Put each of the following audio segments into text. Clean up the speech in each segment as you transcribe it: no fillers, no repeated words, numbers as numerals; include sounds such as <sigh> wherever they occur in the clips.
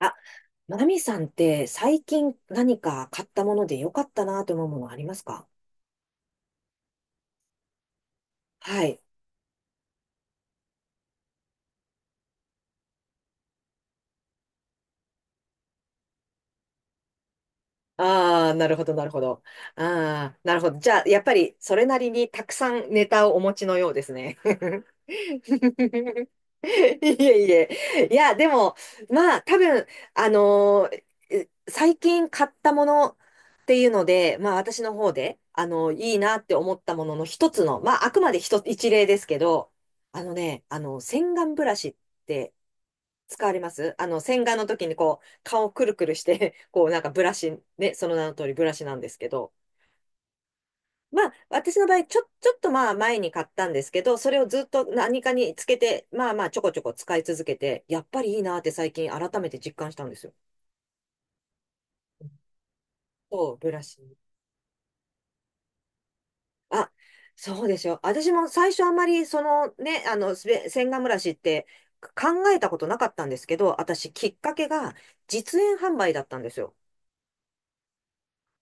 あ、まなみさんって最近何か買ったもので良かったなと思うものありますか？はい。ああ、なるほど、なるほど。ああ、なるほど。じゃあ、やっぱりそれなりにたくさんネタをお持ちのようですね。<laughs> <laughs> いえいえ。いや、でも、まあ、多分、あのーえ最近買ったものっていうので、まあ、私の方で、いいなって思ったものの一つの、まあ、あくまで一つ、一例ですけど、あのね、洗顔ブラシって使われます？洗顔の時にこう、顔をくるくるして、こう、なんかブラシ、ね、その名の通りブラシなんですけど、まあ、私の場合、ちょっとまあ前に買ったんですけど、それをずっと何かにつけて、まあまあちょこちょこ使い続けて、やっぱりいいなって最近改めて実感したんですよ。そう、ブラシ。あ、そうですよ。私も最初あんまり、そのね、洗顔ブラシって考えたことなかったんですけど、私きっかけが実演販売だったんですよ。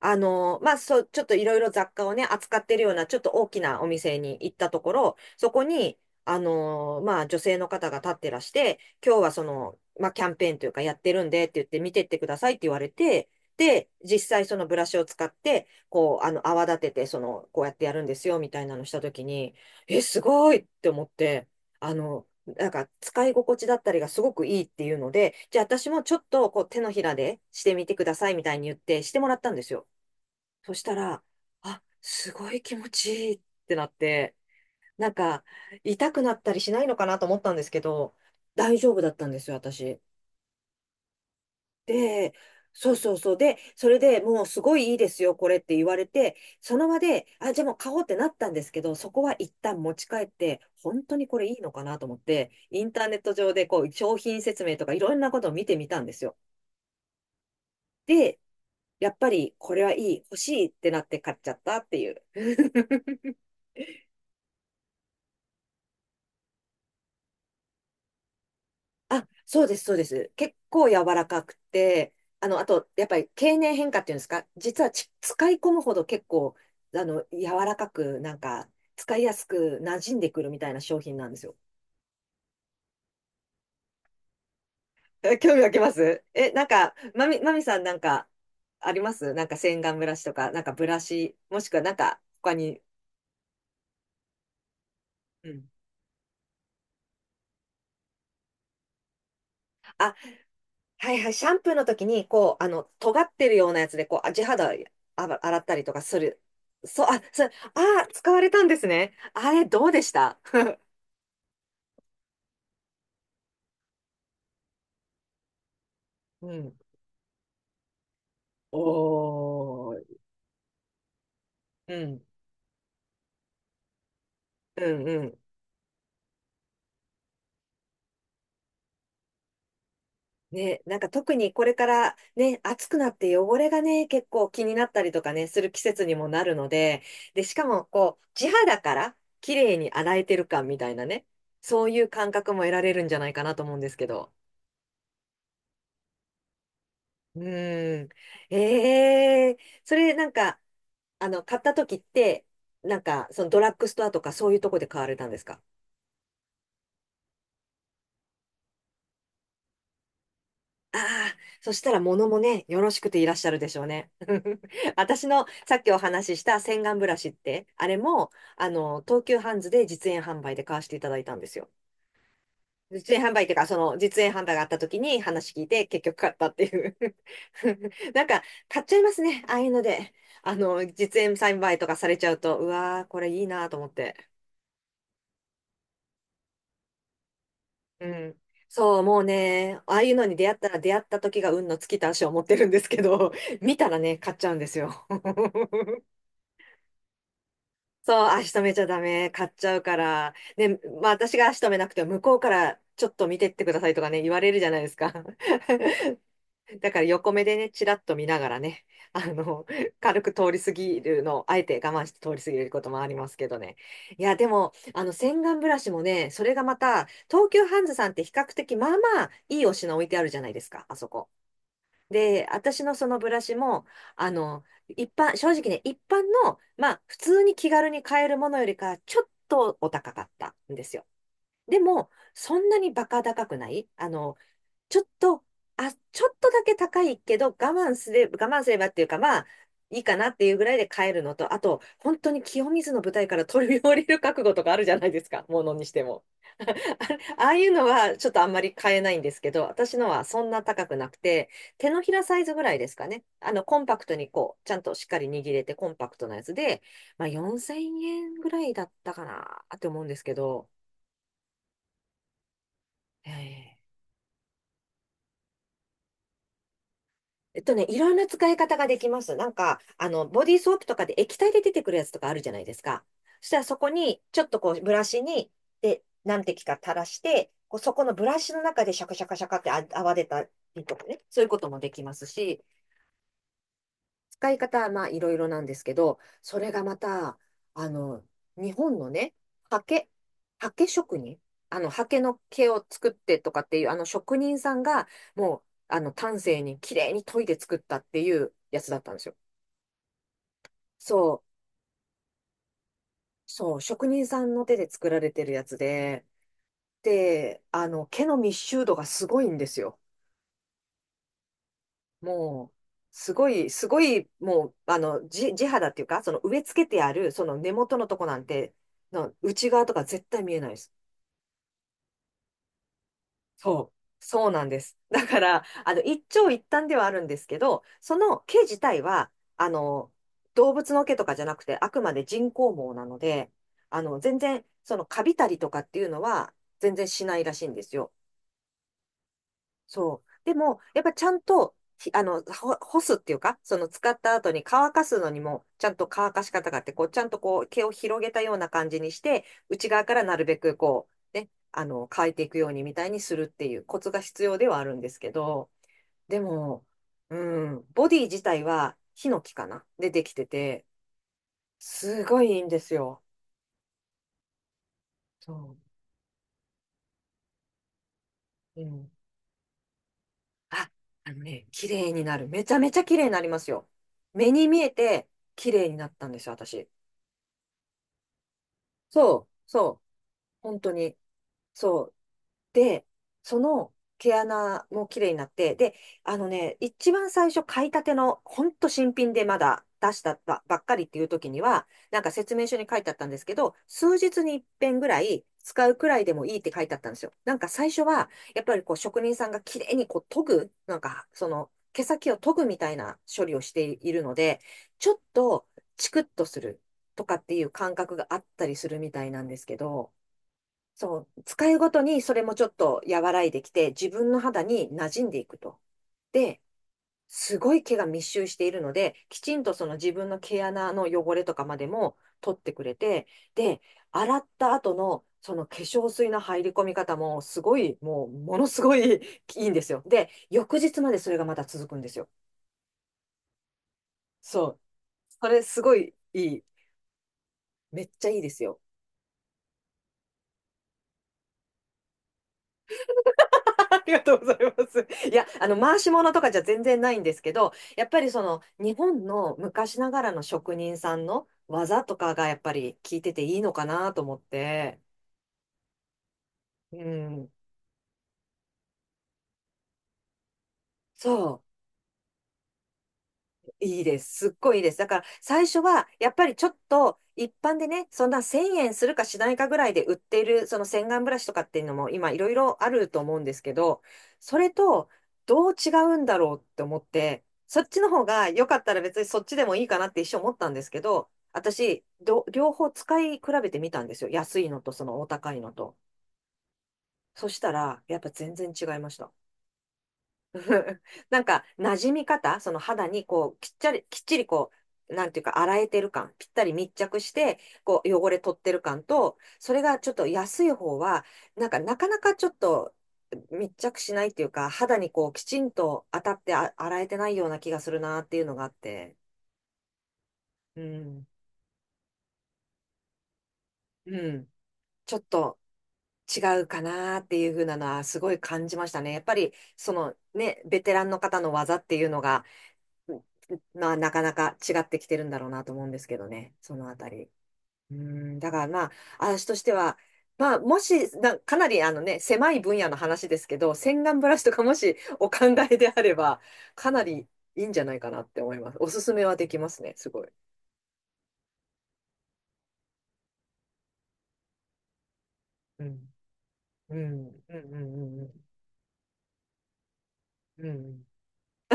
まあ、そう、ちょっといろいろ雑貨をね、扱ってるような、ちょっと大きなお店に行ったところ、そこに、まあ、女性の方が立ってらして、今日はその、まあ、キャンペーンというかやってるんでって言って見てってくださいって言われて、で、実際そのブラシを使って、こう、泡立てて、その、こうやってやるんですよ、みたいなのしたときに、え、すごいって思って、なんか使い心地だったりがすごくいいっていうので、じゃあ私もちょっとこう手のひらでしてみてくださいみたいに言ってしてもらったんですよ。そしたら、あ、すごい気持ちいいってなって、なんか、痛くなったりしないのかなと思ったんですけど、大丈夫だったんですよ、私。で、そうそうそう。で、それでもうすごいいいですよ、これって言われて、その場で、あ、じゃあもう買おうってなったんですけど、そこは一旦持ち帰って、本当にこれいいのかなと思って、インターネット上でこう、商品説明とかいろんなことを見てみたんですよ。で、やっぱりこれはいい、欲しいってなって買っちゃったっていう。<laughs> あ、そうです、そうです。結構柔らかくて、あと、やっぱり経年変化っていうんですか、実は使い込むほど結構、柔らかく、なんか、使いやすく馴染んでくるみたいな商品なんですよ。え、興味湧きます？なんか、まみさんなんか、ありますなんか洗顔ブラシとか、なんかブラシ、もしくはなんか、他に？うん。あ、はいはい、シャンプーの時に、こう、尖ってるようなやつで、こう、地肌洗ったりとかする。そう、あ、そう、使われたんですね。あれ、どうでした？ <laughs> うん。おー、うん、うん、うん。ね、なんか特にこれからね、暑くなって汚れがね、結構気になったりとかね、する季節にもなるので、で、しかもこう、地肌から綺麗に洗えてる感みたいなね、そういう感覚も得られるんじゃないかなと思うんですけど。うん。ええ、それなんか、買った時って、なんか、そのドラッグストアとかそういうとこで買われたんですか？ああ、そしたら物もね、よろしくていらっしゃるでしょうね。<laughs> 私のさっきお話しした洗顔ブラシって、あれも、東急ハンズで実演販売で買わせていただいたんですよ。実演販売っていうか、その実演販売があった時に話聞いて結局買ったっていう。 <laughs> なんか、買っちゃいますね。ああいうので。実演販売とかされちゃうと、うわー、これいいなと思って。うん。そう、もうね、ああいうのに出会ったら出会った時が運の尽きた足を持ってるんですけど、<laughs> 見たらね、買っちゃうんですよ。<laughs> そう、足止めちゃダメ、買っちゃうから。ね、まあ私が足止めなくても向こうからちょっと見てってくださいとかね、言われるじゃないですか。<laughs> だから横目でね、ちらっと見ながらね、あの、<laughs> 軽く通り過ぎるのを、あえて我慢して通り過ぎることもありますけどね。いや、でも、洗顔ブラシもね、それがまた、東急ハンズさんって比較的、まあまあ、いいお品置いてあるじゃないですか、あそこ。で、私のそのブラシも、正直ね、一般の、まあ、普通に気軽に買えるものよりか、ちょっとお高かったんですよ。でも、そんなにバカ高くないちょっと、ちょっとだけ高いけど、我慢すれば、我慢すればっていうか、まあ、いいかなっていうぐらいで買えるのと、あと、本当に清水の舞台から飛び降りる覚悟とかあるじゃないですか、ものにしても。<laughs> ああいうのはちょっとあんまり買えないんですけど、私のはそんな高くなくて、手のひらサイズぐらいですかね。コンパクトにこう、ちゃんとしっかり握れてコンパクトなやつで、まあ4000円ぐらいだったかなって思うんですけど、ええいろんな使い方ができます。なんか、ボディーソープとかで液体で出てくるやつとかあるじゃないですか。そしたらそこに、ちょっとこう、ブラシに、で、何滴か垂らして、こうそこのブラシの中でシャカシャカシャカって泡出たりとかね、そういうこともできますし、使い方はまあいろいろなんですけど、それがまた、あの、日本のね、刷毛、刷毛職人、刷毛の毛を作ってとかっていう、あの職人さんが、もう、丹精に綺麗に研いで作ったっていうやつだったんですよ。そう、そう、職人さんの手で作られてるやつで、で、毛の密集度がすごいんですよ。もう、すごい、すごい、もう、地肌っていうか、その植え付けてある、その根元のとこなんて、の内側とか絶対見えないです。そう。そうなんです。<laughs> だから、一長一短ではあるんですけど、その毛自体は、あの、動物の毛とかじゃなくて、あくまで人工毛なので、全然、その、カビたりとかっていうのは、全然しないらしいんですよ。そう。でも、やっぱちゃんと、ひあの、ほ干すっていうか、その使った後に乾かすのにも、ちゃんと乾かし方があって、こう、ちゃんとこう、毛を広げたような感じにして、内側からなるべくこう、ね、乾いていくようにみたいにするっていうコツが必要ではあるんですけど、でも、うん、ボディ自体はヒノキかなでできてて、すごいいいんですよ。そう。うん。あ、あのね、綺麗になる。めちゃめちゃ綺麗になりますよ。目に見えて綺麗になったんですよ、私。そう、そう。本当に。そう。で、その毛穴も綺麗になって、で、あのね、一番最初買いたての、ほんと新品でまだ出したばっかりっていう時には、なんか説明書に書いてあったんですけど、数日に一遍ぐらい使うくらいでもいいって書いてあったんですよ。なんか最初は、やっぱりこう職人さんが綺麗にこう研ぐ、なんかその毛先を研ぐみたいな処理をしているので、ちょっとチクッとするとかっていう感覚があったりするみたいなんですけど、そう、使いごとにそれもちょっと和らいできて、自分の肌に馴染んでいくと。で、すごい毛が密集しているので、きちんとその自分の毛穴の汚れとかまでも取ってくれて、で、洗った後のその化粧水の入り込み方もすごい、もうものすごい <laughs> いいんですよ。で、翌日までそれがまた続くんですよ。そう。それすごいいい。めっちゃいいですよ。<laughs> ありがとうございます。いや、回し物とかじゃ全然ないんですけど、やっぱりその、日本の昔ながらの職人さんの技とかがやっぱり聞いてていいのかなと思って、うん。そう。いいです。すっごいいいです。だから最初はやっぱりちょっと一般でね、そんな1000円するかしないかぐらいで売っているその洗顔ブラシとかっていうのも今いろいろあると思うんですけど、それとどう違うんだろうって思って、そっちの方が良かったら別にそっちでもいいかなって一瞬思ったんですけど、私、両方使い比べてみたんですよ。安いのとそのお高いのと。そしたらやっぱ全然違いました。<laughs> なんか、馴染み方、その肌にこう、きっちり、きっちりこう、なんていうか、洗えてる感、ぴったり密着して、こう、汚れ取ってる感と、それがちょっと安い方は、なんか、なかなかちょっと密着しないっていうか、肌にこう、きちんと当たって洗えてないような気がするなっていうのがあって、うん、うん、ちょっと違うかなっていう風なのは、すごい感じましたね。やっぱり、そのね、ベテランの方の技っていうのが、まあ、なかなか違ってきてるんだろうなと思うんですけどね、そのあたり。うん、だからまあ、私としては、まあ、もし、かなりあのね、狭い分野の話ですけど、洗顔ブラシとかもしお考えであれば、かなりいいんじゃないかなって思います。おすすめはできますね、すごい。うん。うん、うん、うん、うん、うん。うん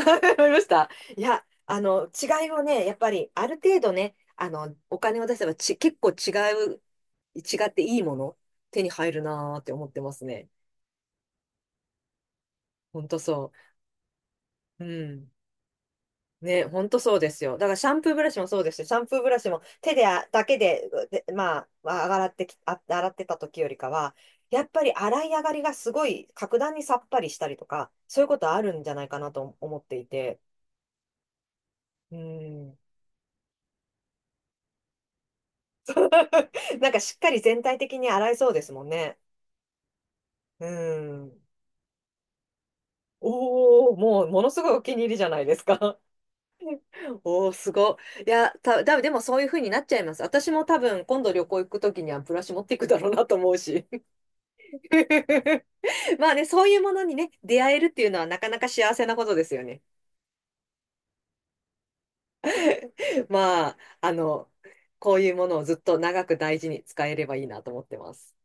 <laughs> 思いました。いや、違いをね、やっぱり、ある程度ね、お金を出せば結構う、違っていいもの、手に入るなーって思ってますね。ほんとそう。うん。ね、ほんとそうですよ。だから、シャンプーブラシもそうですし、シャンプーブラシも手で、あだけで、で、まあ、洗ってた時よりかは、やっぱり洗い上がりがすごい、格段にさっぱりしたりとか、そういうことあるんじゃないかなと思っていて。うん。<laughs> なんかしっかり全体的に洗えそうですもんね。うん。おお、もうものすごいお気に入りじゃないですか。<laughs> おお、すごい。いや、でもそういう風になっちゃいます。私も多分今度旅行行くときにはブラシ持っていくだろうなと思うし。<laughs> まあね、そういうものにね、出会えるっていうのはなかなか幸せなことですよね。まあ、こういうものをずっと長く大事に使えればいいなと思ってます。